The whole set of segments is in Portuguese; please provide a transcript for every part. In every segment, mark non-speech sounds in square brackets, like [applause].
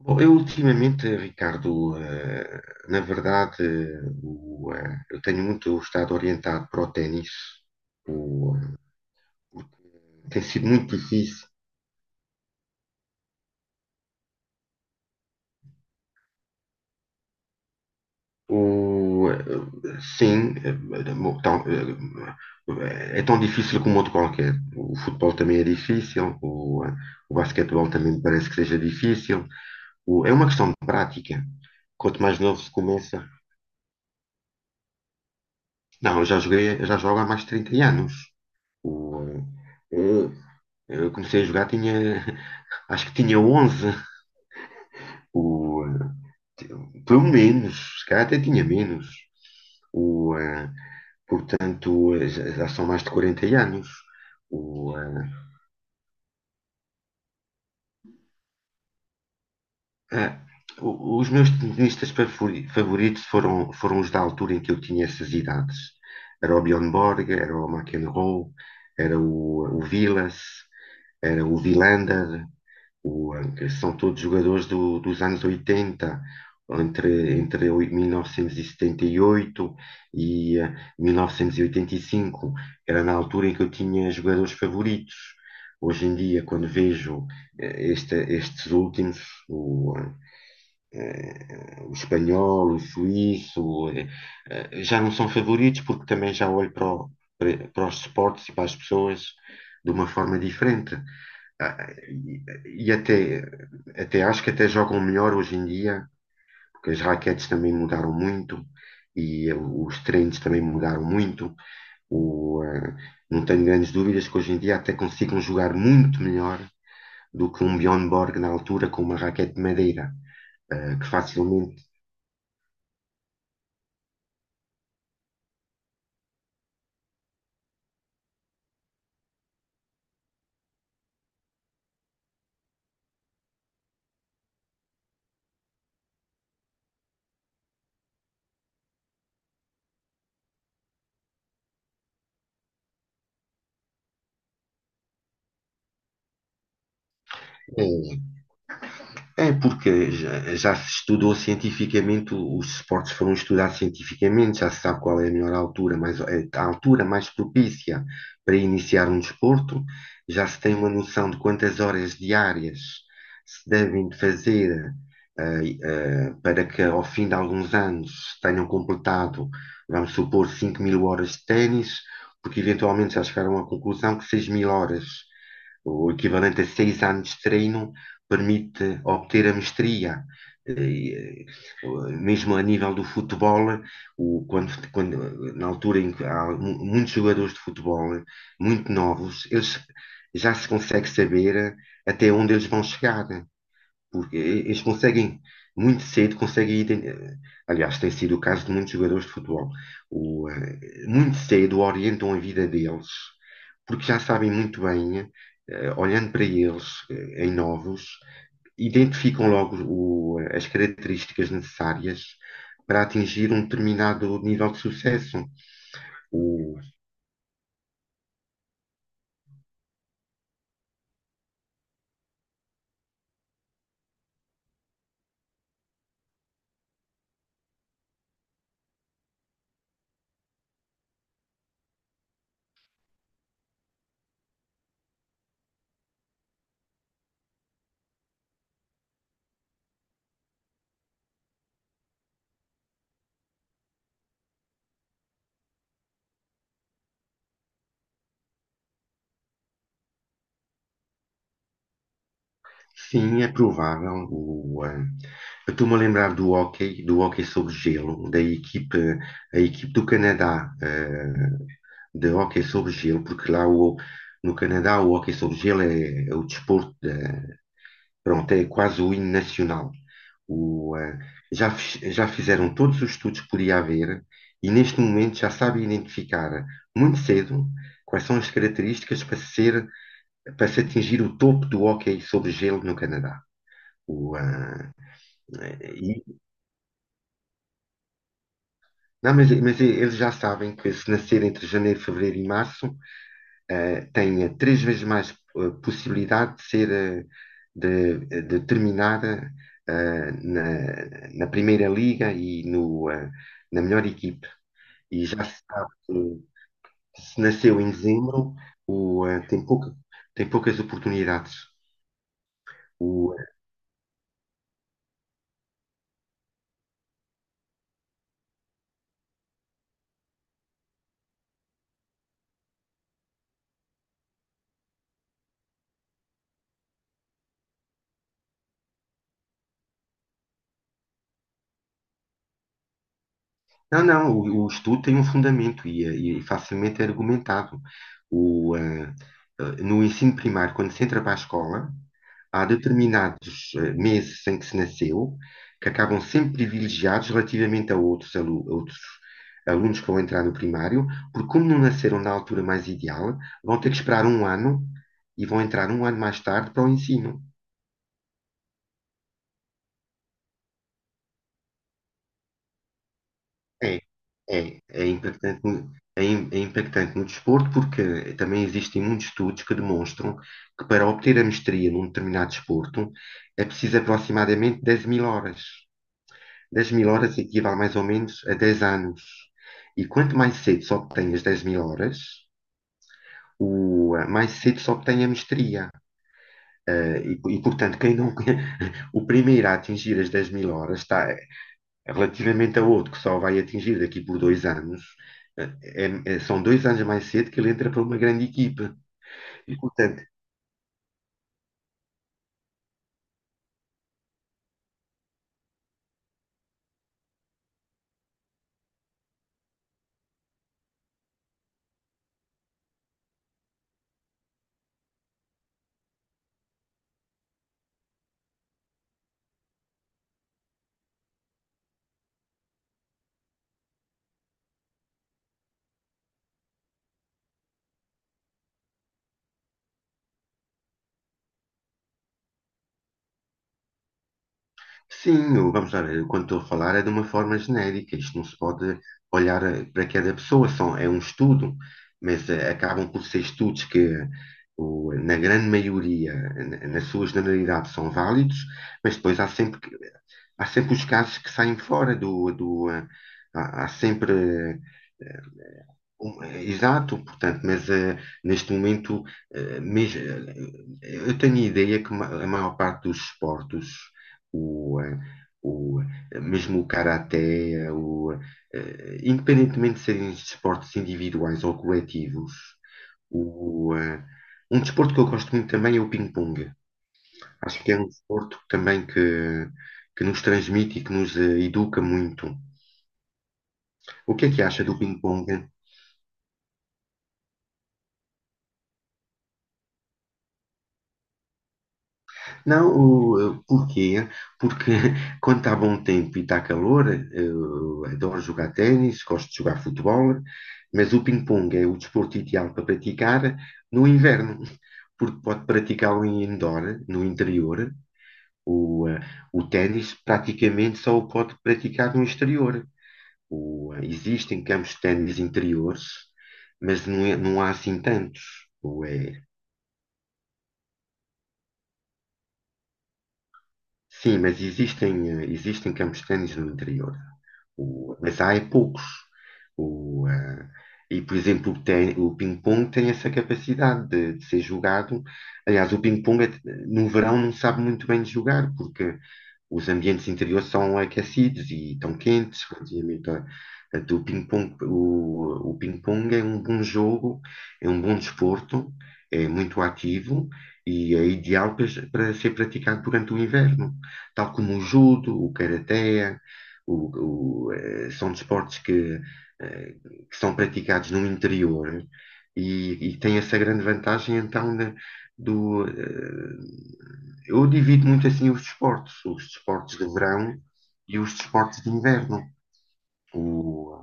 Bom, eu ultimamente, Ricardo, na verdade, eu tenho muito estado orientado para o ténis. O, eh, Porque tem sido muito difícil. Sim, é tão difícil como outro qualquer. O futebol também é difícil. O basquetebol também me parece que seja difícil. É uma questão de prática. Quanto mais novo se começa. Não, eu já joguei, eu já jogo há mais de 30 anos. O, eu, eu comecei a jogar, tinha, [laughs] acho que tinha 11, o, pelo menos, se calhar até tinha menos. O, eh, Portanto, já são mais de 40 anos. O, eh, ah, o- Os meus tenistas favoritos foram os da altura em que eu tinha essas idades. Era o Bjorn Borg, era o McEnroe, era o Vilas, era o Wilander. São todos jogadores dos anos 80, entre, 1978 e 78 e 1985. Era na altura em que eu tinha jogadores favoritos. Hoje em dia, quando vejo estes últimos, o, eh, o espanhol, o suíço, já não são favoritos porque também já olho para os esportes e para as pessoas de uma forma diferente. Ah, e, e até acho que até jogam melhor hoje em dia, porque as raquetes também mudaram muito e os treinos também mudaram muito. O, eh, não tenho grandes dúvidas que hoje em dia até consigam jogar muito melhor do que um Bjorn Borg na altura com uma raquete de madeira, que facilmente É, é porque já se estudou cientificamente, os esportes foram estudados cientificamente. Já se sabe qual é a melhor altura, mais, é, a altura mais propícia para iniciar um desporto. Já se tem uma noção de quantas horas diárias se devem de fazer, para que ao fim de alguns anos tenham completado, vamos supor, 5000 horas de ténis, porque eventualmente já chegaram à conclusão que 6000 horas, o equivalente a 6 anos de treino, permite obter a mestria. Eh, Mesmo a nível do futebol, na altura em que há muitos jogadores de futebol muito novos, eles, já se consegue saber até onde eles vão chegar, porque eles conseguem muito cedo, conseguem, aliás, tem sido o caso de muitos jogadores de futebol. Muito cedo orientam a vida deles, porque já sabem muito bem, olhando para eles, em novos, identificam logo as características necessárias para atingir um determinado nível de sucesso. O, sim, é provável. Eu estou-me a lembrar do hóquei sobre gelo, da equipe, a equipe do Canadá, de hóquei sobre gelo, porque no Canadá o hóquei sobre gelo é o desporto. Pronto, é quase o hino nacional. O, eh, já, fi- Já fizeram todos os estudos que podia haver e neste momento já sabem identificar muito cedo quais são as características para ser, para se atingir o topo do hóquei sobre gelo no Canadá. O, eh, e- não, mas eles já sabem que se nascer entre janeiro, fevereiro e março, tenha três vezes mais possibilidade de ser, de terminar na Primeira Liga e no, eh, na melhor equipe. E já se sabe que, se nasceu em dezembro, o, eh, tem pouca, tem poucas oportunidades. O, não, não, o estudo tem um fundamento e facilmente é argumentado. O, eh, no ensino primário, quando se entra para a escola, há determinados meses em que se nasceu, que acabam sempre privilegiados relativamente a outros, a outros alunos que vão entrar no primário, porque como não nasceram na altura mais ideal, vão ter que esperar um ano e vão entrar um ano mais tarde para o ensino. É, é impactante. É impactante no desporto porque também existem muitos estudos que demonstram que para obter a mestria num determinado desporto é preciso aproximadamente 10.000 horas. 10.000 horas equivale mais ou menos a 10 anos. E quanto mais cedo se obtém as 10.000 horas, mais cedo se obtém a mestria. Portanto, quem não, [laughs] o primeiro a atingir as 10.000 horas está, relativamente a outro que só vai atingir daqui por 2 anos. São 2 anos mais cedo que ele entra para uma grande equipe. E, portanto, sim, vamos lá ver, quando estou a falar é de uma forma genérica. Isto não se pode olhar, para cada pessoa, são, é um estudo, mas acabam por ser estudos que, na grande maioria, na sua generalidade, são válidos, mas depois há sempre, há sempre os casos que saem fora há sempre. Exato. Portanto, mas neste momento, eh, mes- eh, eu tenho a ideia que a maior parte dos esportes, o, eh, o, mesmo o karaté, eh, o, independentemente de serem esportes individuais ou coletivos, o, eh, um desporto que eu gosto muito também é o ping-pong. Acho que é um desporto também que nos transmite e que nos educa muito. O que é que acha do ping-pong? Não. Porquê? Porque [laughs] quando está bom tempo e está calor, eu adoro jogar ténis, gosto de jogar futebol, mas o ping-pong é o desporto ideal para praticar no inverno, porque pode praticá-lo em indoor, no interior. O, eh, o ténis praticamente só o pode praticar no exterior. Existem campos de ténis interiores, mas não, não há assim tantos. O, é Sim, mas existem, existem campos de ténis no interior. Mas há é poucos. O, eh, e, por exemplo, o ping-pong tem essa capacidade de ser jogado. Aliás, o ping-pong no verão não sabe muito bem de jogar, porque os ambientes interiores são aquecidos e estão quentes relativamente a do ping-pong. O ping-pong é um bom jogo, é um bom desporto, é muito ativo e é ideal para ser praticado durante o inverno, tal como o judo, o karaté, são desportos que, eh, que são praticados no interior e tem essa grande vantagem então, do, eh, eu divido muito assim os desportos de verão e os desportos de inverno. O-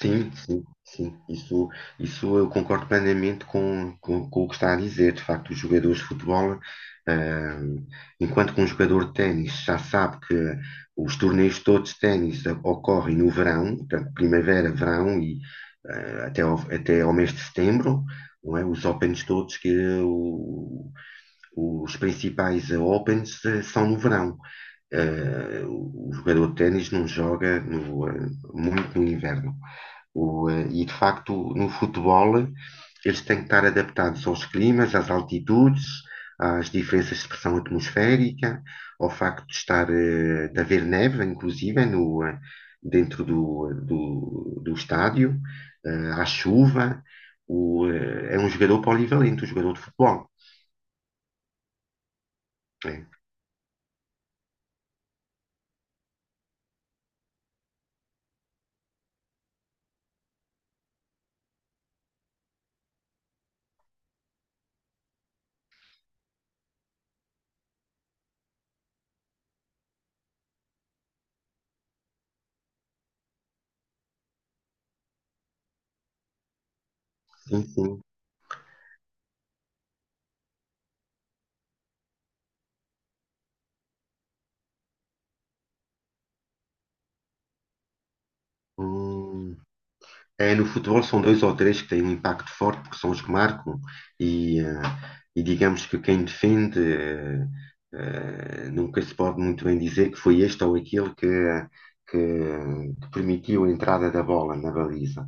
sim, sim, sim. Isso, isso eu concordo plenamente com o que está a dizer. De facto, os jogadores de futebol, ah, enquanto que um jogador de ténis já sabe que os torneios todos de ténis ocorrem no verão, portanto, primavera, verão e até ao mês de setembro, não é? Os Opens todos que, o- os principais Opens são no verão. O jogador de ténis não joga muito no inverno. E, de facto, no futebol, eles têm que estar adaptados aos climas, às altitudes, às diferenças de pressão atmosférica, ao facto de estar de haver neve, inclusive, no, dentro do estádio, à chuva. O, uh, É um jogador polivalente, um jogador de futebol. É. Sim, sim. Hum. É, no futebol são dois ou três que têm um impacto forte, porque são os que marcam, e, eh, e digamos que quem defende nunca se pode muito bem dizer que foi este ou aquele que, que permitiu a entrada da bola na baliza.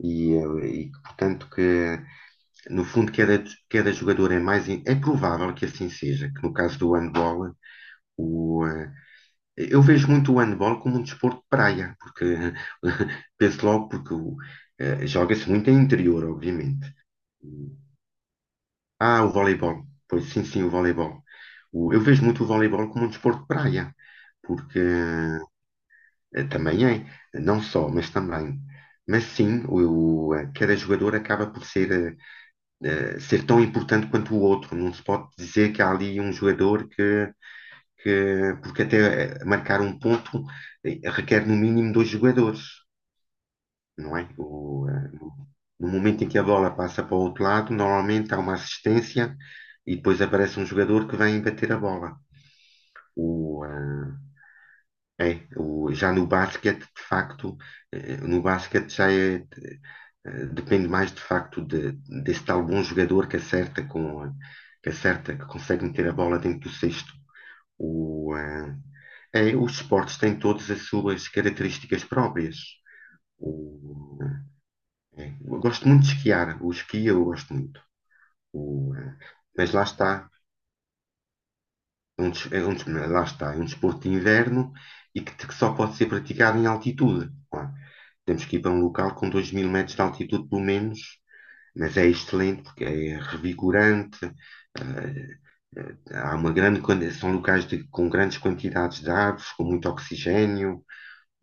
E que, portanto, que no fundo cada jogador é mais. É provável que assim seja, que no caso do handball. Eu vejo muito o handball como um desporto de praia, porque [laughs] penso logo, porque joga-se muito em interior, obviamente. Ah, o voleibol. Pois sim, sim, o voleibol. Eu vejo muito o voleibol como um desporto de praia, porque também é, não só, mas também. Mas sim. Cada jogador acaba por ser, eh, ser tão importante quanto o outro. Não se pode dizer que há ali um jogador porque até marcar um ponto requer no mínimo dois jogadores, não é? O, eh, no No momento em que a bola passa para o outro lado, normalmente há uma assistência e depois aparece um jogador que vem bater a bola. O, eh, é, o, Já no basquete, de facto, no basquete já é, depende mais de facto desse tal bom jogador que acerta que acerta, que consegue meter a bola dentro do cesto. O, eh, os esportes têm todas as suas características próprias. O, eu gosto muito de esquiar. O esqui eu gosto muito. O, eh, mas lá está. Lá está. É um desporto de inverno e que só pode ser praticado em altitude. Pá, temos que ir para um local com 2 mil metros de altitude, pelo menos. Mas é excelente porque é revigorante. eh, Há uma grande, são locais com grandes quantidades de árvores, com muito oxigênio.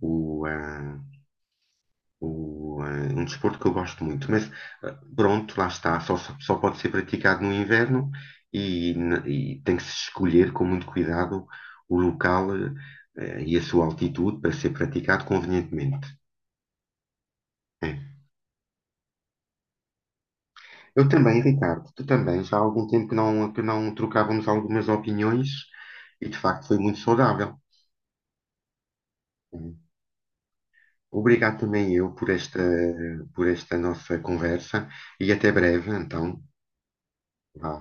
o, ah, o, ah, Um desporto que eu gosto muito. Mas pronto, lá está, só pode ser praticado no inverno e, e tem que se escolher com muito cuidado o local e a sua altitude para ser praticado convenientemente. É. Eu também, Ricardo, tu também. Já há algum tempo que não trocávamos algumas opiniões e de facto foi muito saudável. É. Obrigado também eu por esta nossa conversa e até breve, então. Vá.